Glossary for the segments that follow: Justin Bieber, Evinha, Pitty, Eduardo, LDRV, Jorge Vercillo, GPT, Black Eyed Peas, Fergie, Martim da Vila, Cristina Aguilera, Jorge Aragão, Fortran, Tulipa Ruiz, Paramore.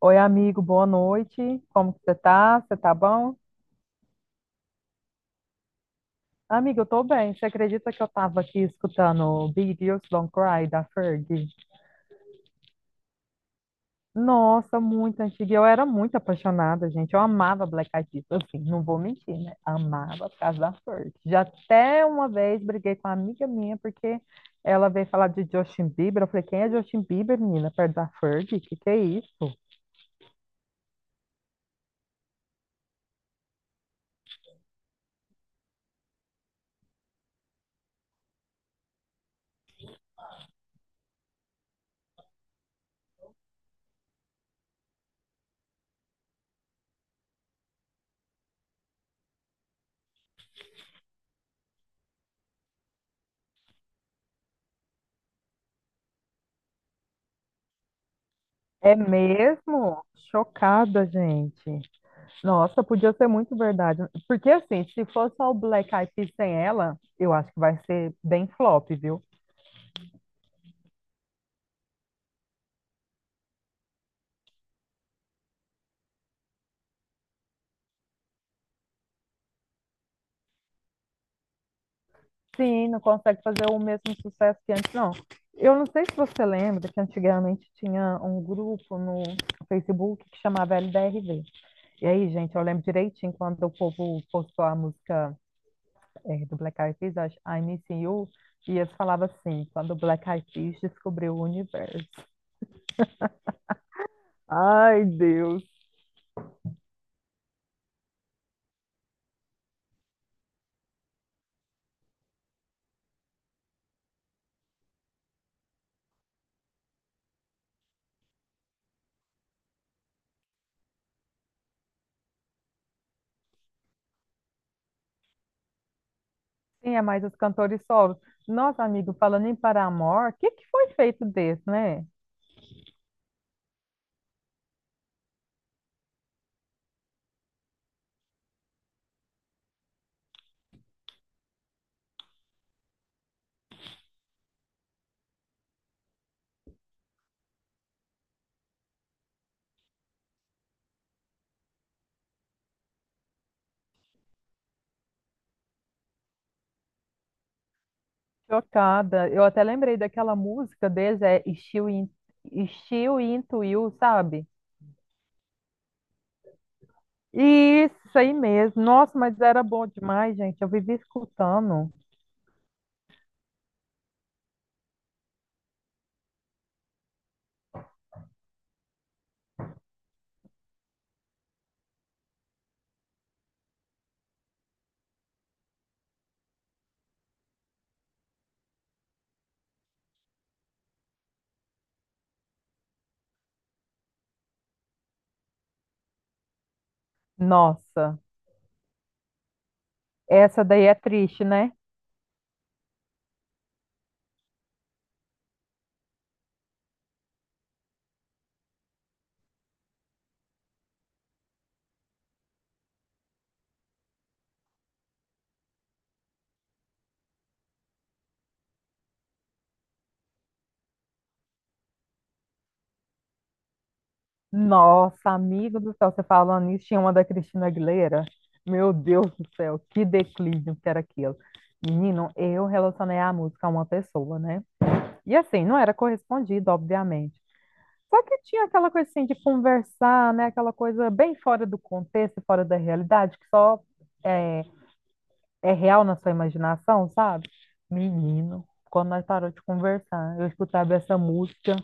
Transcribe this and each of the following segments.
Oi, amigo, boa noite. Como que você tá? Você tá bom? Amigo, eu tô bem. Você acredita que eu tava aqui escutando Big Girls Don't Cry da Fergie? Nossa, muito antiga. Eu era muito apaixonada, gente. Eu amava Black Eyed Peas, assim, não vou mentir, né? Amava por causa da Fergie. Já até uma vez briguei com uma amiga minha porque ela veio falar de Justin Bieber. Eu falei, quem é Justin Bieber, menina? Perto da Fergie? Que é isso? É mesmo? Chocada, gente. Nossa, podia ser muito verdade. Porque assim, se for só o Black Eyed Peas sem ela, eu acho que vai ser bem flop, viu? Sim, não consegue fazer o mesmo sucesso que antes, não. Eu não sei se você lembra que antigamente tinha um grupo no Facebook que chamava LDRV. E aí, gente, eu lembro direitinho quando o povo postou a música do Black Eyed Peas, acho, I'm Missing You, e eles falavam assim, quando o Black Eyed Peas descobriu o universo. Ai, Deus. Sim, é mais os cantores solos. Nossa, amigo, falando em Paramore, o que que foi feito desse, né? Chocada. Eu até lembrei daquela música deles, é Still In, Still Into You, sabe? Isso aí mesmo. Nossa, mas era bom demais, gente. Eu vivi escutando. Nossa, essa daí é triste, né? Nossa, amigo do céu, você falando isso, tinha uma da Cristina Aguilera. Meu Deus do céu, que declínio que era aquilo. Menino, eu relacionei a música a uma pessoa, né? E assim, não era correspondido, obviamente. Só que tinha aquela coisa assim de conversar, né? Aquela coisa bem fora do contexto, fora da realidade, que só é, é real na sua imaginação, sabe? Menino, quando nós parou de conversar, eu escutava essa música.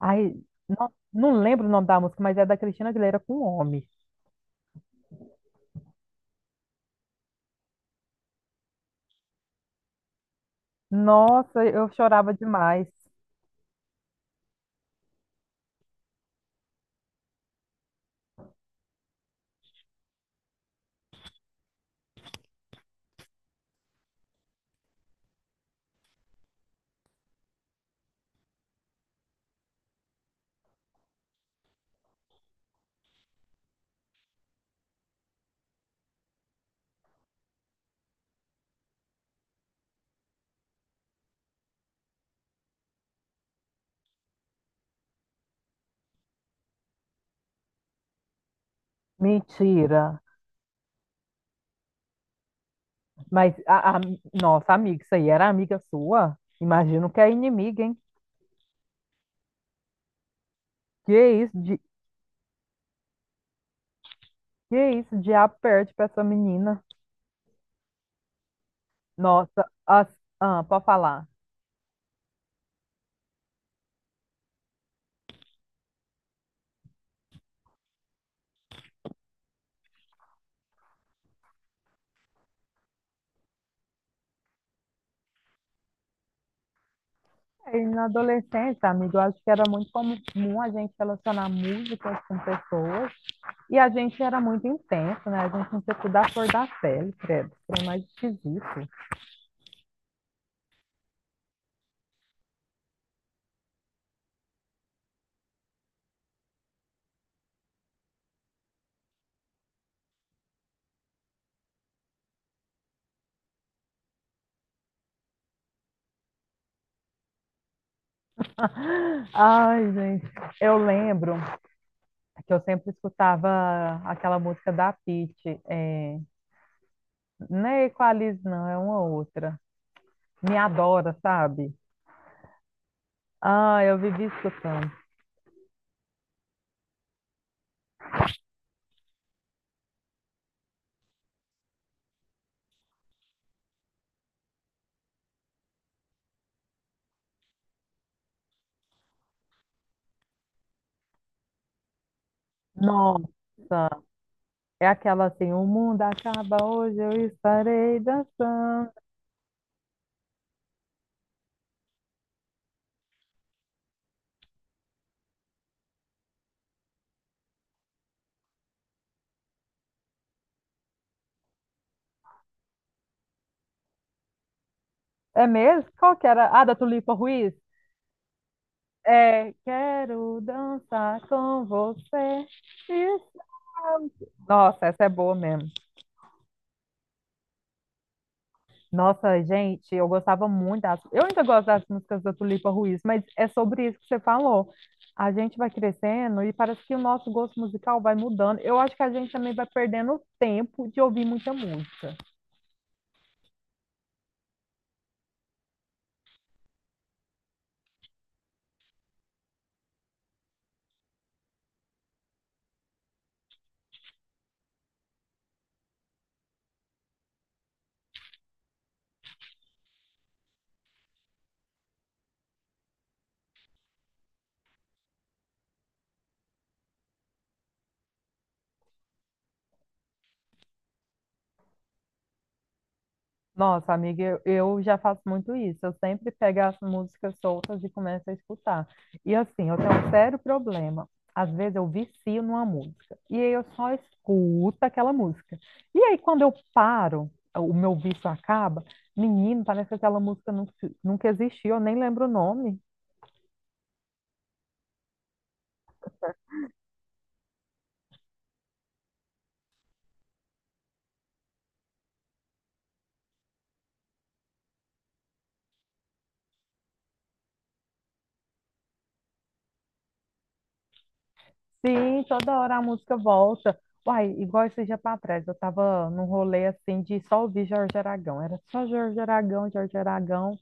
Ai, não lembro o nome da música, mas é da Cristina Aguilera com Homem. Nossa, eu chorava demais. Mentira. Mas, nossa, amiga, isso aí era amiga sua? Imagino que é inimiga, hein? Que isso? Que isso, o diabo perde pra essa menina. Nossa, as... ah, pode falar. Aí, na adolescência, amigo, eu acho que era muito comum a gente relacionar músicas com pessoas e a gente era muito intenso, né? A gente não tinha da cor da pele, credo. Foi mais esquisito. Ai, gente, eu lembro que eu sempre escutava aquela música da Pitty, não é Equalize, não, é uma outra. Me adora, sabe? Ah, eu vivi escutando. Nossa. É aquela assim, o mundo acaba hoje, eu estarei dançando. É mesmo? Qual que era? Ah, da Tulipa Ruiz? É, quero dançar com você. Isso. Nossa, essa é boa mesmo. Nossa, gente, eu gostava muito das... Eu ainda gosto das músicas da Tulipa Ruiz, mas é sobre isso que você falou. A gente vai crescendo e parece que o nosso gosto musical vai mudando. Eu acho que a gente também vai perdendo tempo de ouvir muita música. Nossa, amiga, eu já faço muito isso. Eu sempre pego as músicas soltas e começo a escutar. E assim, eu tenho um sério problema. Às vezes eu vicio numa música. E aí eu só escuto aquela música. E aí quando eu paro, o meu vício acaba, menino, parece que aquela música nunca existiu, eu nem lembro o nome. Sim, toda hora a música volta. Uai, igual esse dia para trás, eu tava num rolê assim de só ouvir Jorge Aragão. Era só Jorge Aragão.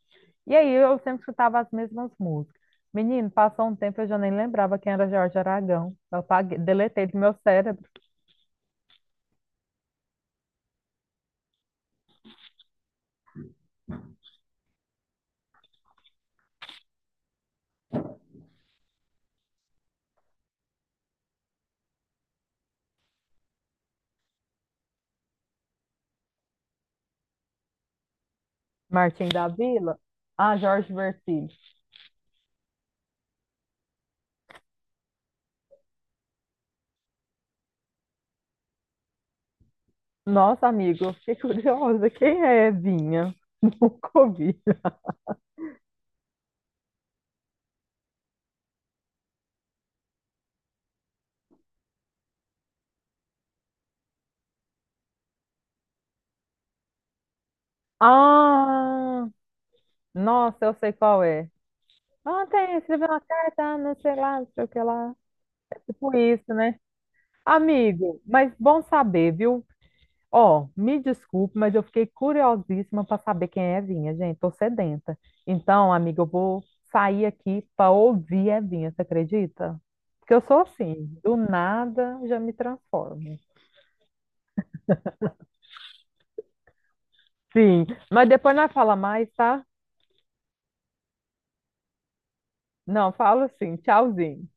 E aí eu sempre escutava as mesmas músicas. Menino, passou um tempo eu já nem lembrava quem era Jorge Aragão. Eu apaguei, deletei do meu cérebro. Martim da Vila. Ah, Jorge Vercillo. Nossa, amigo, eu fiquei curiosa. Quem é Vinha? Nunca ouvi. Ah, nossa, eu sei qual é. Ontem eu escrevi uma carta, não sei lá, não sei o que lá. Tipo isso, né? Amigo, mas bom saber, viu? Ó, me desculpe, mas eu fiquei curiosíssima para saber quem é Evinha, gente. Tô sedenta. Então, amiga, eu vou sair aqui para ouvir Evinha, você acredita? Porque eu sou assim, do nada já me transformo. Sim, mas depois nós fala mais, tá? Não, falo sim. Tchauzinho.